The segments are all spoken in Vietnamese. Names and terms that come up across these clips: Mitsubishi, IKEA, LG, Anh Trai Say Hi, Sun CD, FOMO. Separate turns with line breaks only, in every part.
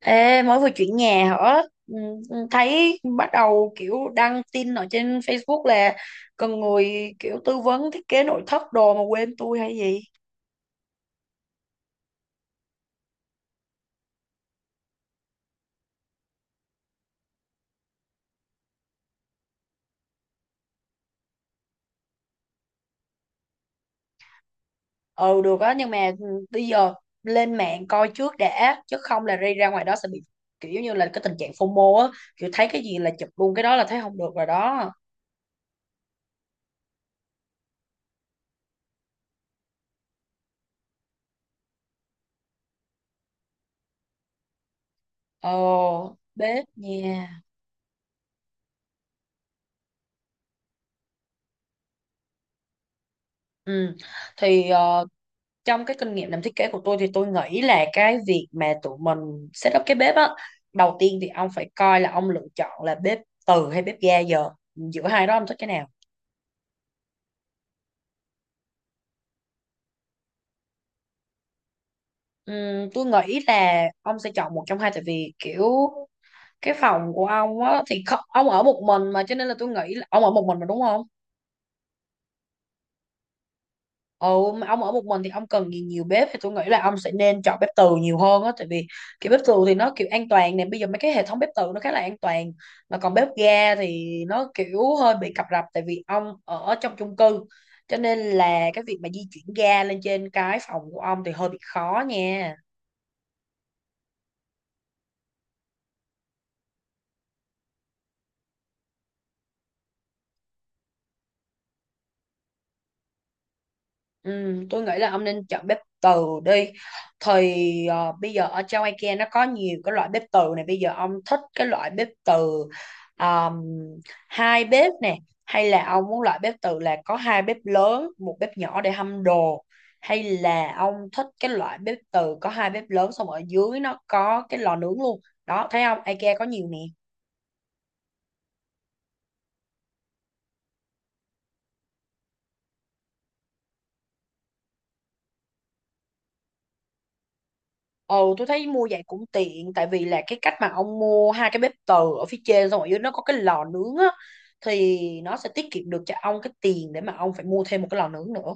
Ê, mới vừa chuyển nhà hả? Ừ, thấy bắt đầu kiểu đăng tin ở trên Facebook là cần người kiểu tư vấn thiết kế nội thất đồ mà quên tôi hay gì. Ừ được á, nhưng mà bây giờ lên mạng coi trước đã, chứ không là đi ra ngoài đó sẽ bị kiểu giống như là cái tình trạng FOMO á, kiểu thấy cái gì là chụp luôn cái đó là thấy không được rồi đó. Ồ, bếp nha. Ừ. Thì trong cái kinh nghiệm làm thiết kế của tôi thì tôi nghĩ là cái việc mà tụi mình set up cái bếp á, đầu tiên thì ông phải coi là ông lựa chọn là bếp từ hay bếp ga. Giờ giữa hai đó ông thích cái nào? Tôi nghĩ là ông sẽ chọn một trong hai, tại vì kiểu cái phòng của ông á thì ông ở một mình mà, cho nên là tôi nghĩ là ông ở một mình mà, đúng không? Ừ, mà ông ở một mình thì ông cần gì nhiều bếp, thì tôi nghĩ là ông sẽ nên chọn bếp từ nhiều hơn á, tại vì kiểu bếp từ thì nó kiểu an toàn nè, bây giờ mấy cái hệ thống bếp từ nó khá là an toàn, mà còn bếp ga thì nó kiểu hơi bị cập rập tại vì ông ở trong chung cư, cho nên là cái việc mà di chuyển ga lên trên cái phòng của ông thì hơi bị khó nha. Ừ, tôi nghĩ là ông nên chọn bếp từ đi. Bây giờ ở trong IKEA nó có nhiều cái loại bếp từ này, bây giờ ông thích cái loại bếp từ, um, hai bếp nè, hay là ông muốn loại bếp từ là có hai bếp lớn một bếp nhỏ để hâm đồ, hay là ông thích cái loại bếp từ có hai bếp lớn xong ở dưới nó có cái lò nướng luôn? Đó thấy không, IKEA có nhiều nè. Ồ, tôi thấy mua vậy cũng tiện, tại vì là cái cách mà ông mua hai cái bếp từ ở phía trên xong ở dưới nó có cái lò nướng á, thì nó sẽ tiết kiệm được cho ông cái tiền để mà ông phải mua thêm một cái lò nướng nữa.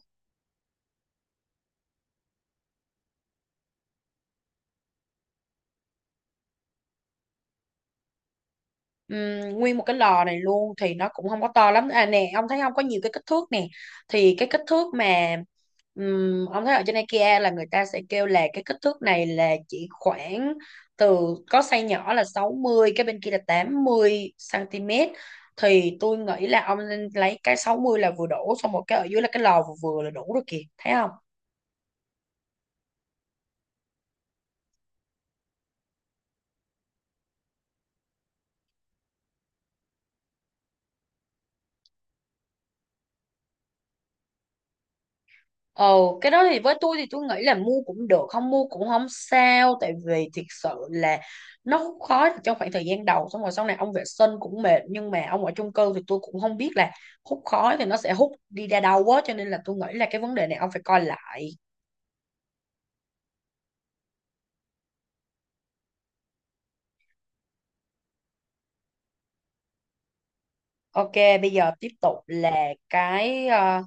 Nguyên một cái lò này luôn thì nó cũng không có to lắm à nè, ông thấy không, có nhiều cái kích thước nè, thì cái kích thước mà ông thấy ở trên IKEA là người ta sẽ kêu là cái kích thước này là chỉ khoảng từ có size nhỏ là 60, cái bên kia là 80 cm. Thì tôi nghĩ là ông nên lấy cái 60 là vừa đủ, xong một cái ở dưới là cái lò vừa vừa là đủ rồi kìa, thấy không? Ồ, cái đó thì với tôi thì tôi nghĩ là mua cũng được, không mua cũng không sao, tại vì thiệt sự là nó hút khói trong khoảng thời gian đầu, xong rồi sau này ông vệ sinh cũng mệt, nhưng mà ông ở chung cư thì tôi cũng không biết là hút khói thì nó sẽ hút đi ra đâu quá, cho nên là tôi nghĩ là cái vấn đề này ông phải coi lại. Ok, bây giờ tiếp tục là cái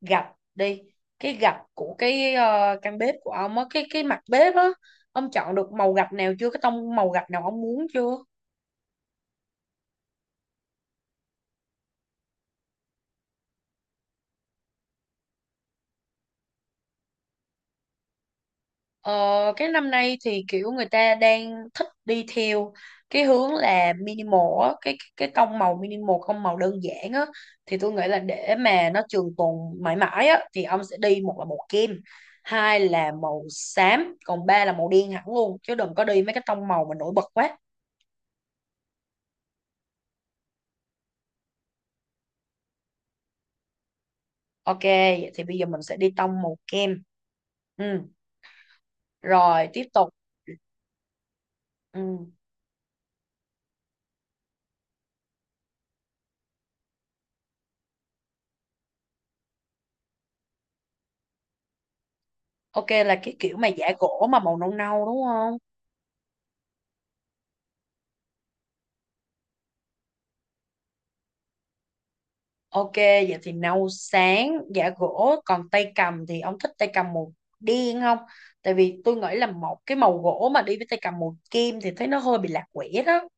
gạch đi, cái gạch của cái căn bếp của ông á, cái mặt bếp á, ông chọn được màu gạch nào chưa, cái tông màu gạch nào ông muốn chưa? Ờ, cái năm nay thì kiểu người ta đang thích đi theo cái hướng là minimal á, cái tông màu minimal, không màu đơn giản á, thì tôi nghĩ là để mà nó trường tồn mãi mãi á thì ông sẽ đi một là màu kem, hai là màu xám, còn ba là màu đen hẳn luôn, chứ đừng có đi mấy cái tông màu mà nổi bật quá. Ok, vậy thì bây giờ mình sẽ đi tông màu kem. Ừ, rồi tiếp tục. Ừ. Ok là cái kiểu mà giả gỗ mà màu nâu nâu đúng không? Ok, vậy thì nấu sáng giả gỗ, còn tay cầm thì ông thích tay cầm màu đen không? Tại vì tôi nghĩ là một cái màu gỗ mà đi với tay cầm màu kim thì thấy nó hơi bị lạc quẻ đó.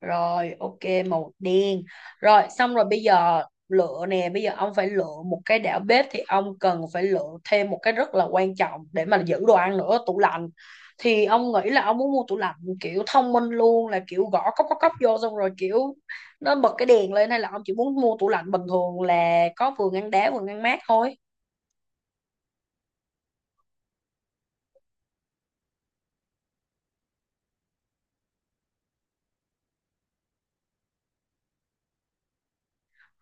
Rồi, ok, màu đen. Rồi, xong rồi bây giờ lựa nè, bây giờ ông phải lựa một cái đảo bếp thì ông cần phải lựa thêm một cái rất là quan trọng để mà giữ đồ ăn nữa, tủ lạnh. Thì ông nghĩ là ông muốn mua tủ lạnh kiểu thông minh luôn, là kiểu gõ cốc cốc cốc vô xong rồi kiểu nó bật cái đèn lên, hay là ông chỉ muốn mua tủ lạnh bình thường là có vừa ngăn đá vừa ngăn mát thôi.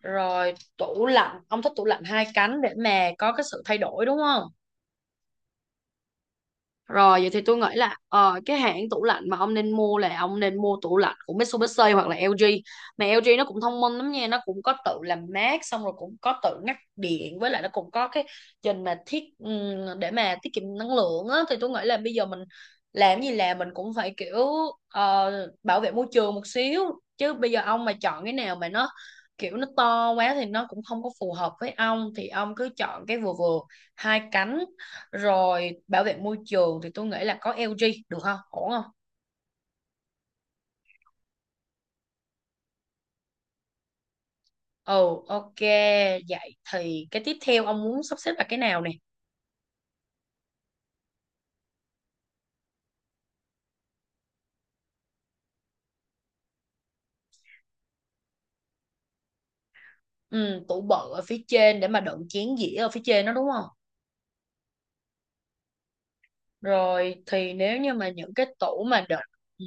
Rồi, tủ lạnh, ông thích tủ lạnh hai cánh để mà có cái sự thay đổi đúng không? Rồi vậy thì tôi nghĩ là cái hãng tủ lạnh mà ông nên mua là ông nên mua tủ lạnh của Mitsubishi hoặc là LG. Mà LG nó cũng thông minh lắm nha, nó cũng có tự làm mát xong rồi cũng có tự ngắt điện, với lại nó cũng có cái trình mà thiết để mà tiết kiệm năng lượng á, thì tôi nghĩ là bây giờ mình làm gì làm mình cũng phải kiểu ờ, bảo vệ môi trường một xíu, chứ bây giờ ông mà chọn cái nào mà nó kiểu nó to quá thì nó cũng không có phù hợp với ông, thì ông cứ chọn cái vừa vừa, hai cánh, rồi bảo vệ môi trường thì tôi nghĩ là có LG được không? Ổn không? Ừ, ok. Vậy thì cái tiếp theo ông muốn sắp xếp là cái nào nè? Ừ, tủ bự ở phía trên để mà đựng chén dĩa ở phía trên đó đúng không? Rồi thì nếu như mà những cái tủ mà đựng. Ừ.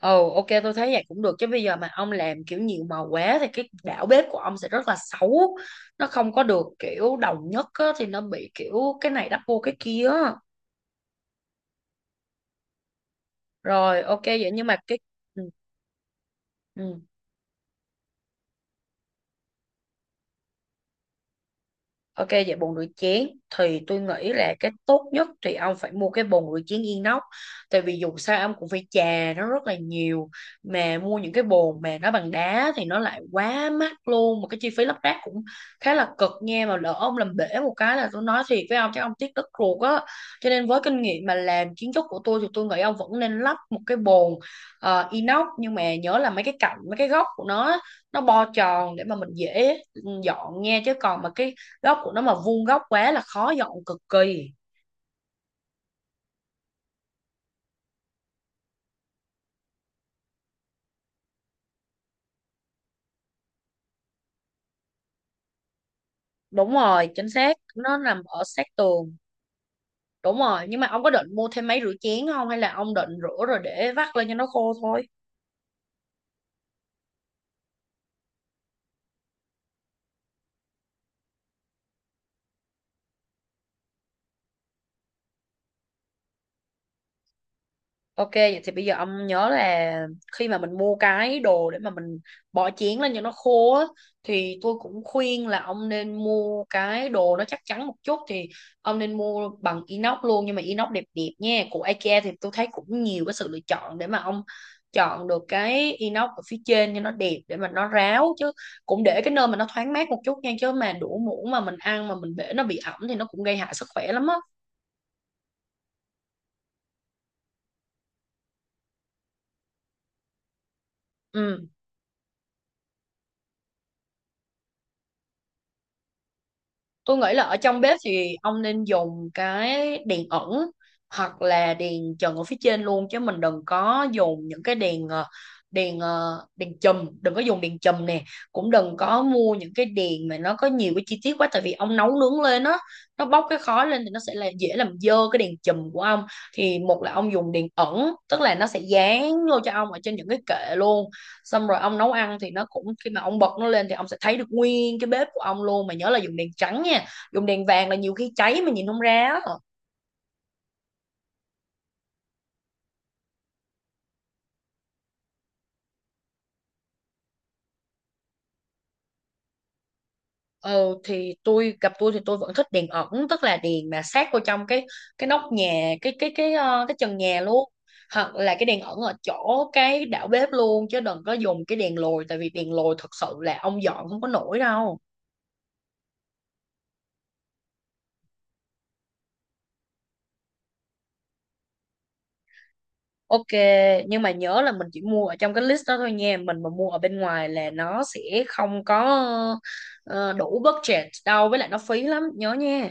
Ừ, ok tôi thấy vậy cũng được, chứ bây giờ mà ông làm kiểu nhiều màu quá thì cái đảo bếp của ông sẽ rất là xấu. Nó không có được kiểu đồng nhất á, thì nó bị kiểu cái này đắp vô cái kia á. Rồi ok vậy, nhưng mà cái ừ, ừ. Ok, vậy bồn rửa chén thì tôi nghĩ là cái tốt nhất thì ông phải mua cái bồn rửa chén inox, tại vì dù sao ông cũng phải chà nó rất là nhiều, mà mua những cái bồn mà nó bằng đá thì nó lại quá mắc luôn, mà cái chi phí lắp ráp cũng khá là cực nha, mà lỡ ông làm bể một cái là tôi nói thiệt với ông chắc ông tiếc đất ruột á. Cho nên với kinh nghiệm mà làm kiến trúc của tôi thì tôi nghĩ ông vẫn nên lắp một cái bồn inox, nhưng mà nhớ là mấy cái cạnh mấy cái góc của nó á, nó bo tròn để mà mình dễ dọn nha, chứ còn mà cái góc của nó mà vuông góc quá là khó dọn cực kỳ. Đúng rồi, chính xác, nó nằm ở sát tường. Đúng rồi, nhưng mà ông có định mua thêm máy rửa chén không, hay là ông định rửa rồi để vắt lên cho nó khô thôi? Ok, vậy thì bây giờ ông nhớ là khi mà mình mua cái đồ để mà mình bỏ chén lên cho nó khô á, thì tôi cũng khuyên là ông nên mua cái đồ nó chắc chắn một chút, thì ông nên mua bằng inox luôn, nhưng mà inox đẹp đẹp nha. Của IKEA thì tôi thấy cũng nhiều cái sự lựa chọn để mà ông chọn được cái inox ở phía trên cho nó đẹp để mà nó ráo, chứ cũng để cái nơi mà nó thoáng mát một chút nha, chứ mà đũa muỗng mà mình ăn mà mình để nó bị ẩm thì nó cũng gây hại sức khỏe lắm á. Ừ. Tôi nghĩ là ở trong bếp thì ông nên dùng cái đèn ẩn hoặc là đèn trần ở phía trên luôn, chứ mình đừng có dùng những cái đèn đèn chùm, đừng có dùng đèn chùm nè, cũng đừng có mua những cái đèn mà nó có nhiều cái chi tiết quá, tại vì ông nấu nướng lên á, nó bốc cái khói lên thì nó sẽ là dễ làm dơ cái đèn chùm của ông. Thì một là ông dùng đèn ẩn, tức là nó sẽ dán vô cho ông ở trên những cái kệ luôn, xong rồi ông nấu ăn thì nó cũng khi mà ông bật nó lên thì ông sẽ thấy được nguyên cái bếp của ông luôn, mà nhớ là dùng đèn trắng nha, dùng đèn vàng là nhiều khi cháy mà nhìn không ra á. Ờ thì tôi thì tôi vẫn thích đèn ẩn, tức là đèn mà sát vô trong cái nóc nhà, cái trần nhà luôn, hoặc là cái đèn ẩn ở chỗ cái đảo bếp luôn, chứ đừng có dùng cái đèn lồi, tại vì đèn lồi thật sự là ông dọn không có nổi đâu. Ok, nhưng mà nhớ là mình chỉ mua ở trong cái list đó thôi nha. Mình mà mua ở bên ngoài là nó sẽ không có ờ, đủ budget đâu, với lại nó phí lắm, nhớ nha.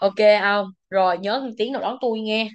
Ok không? Rồi nhớ tiếng nào đón tôi nghe.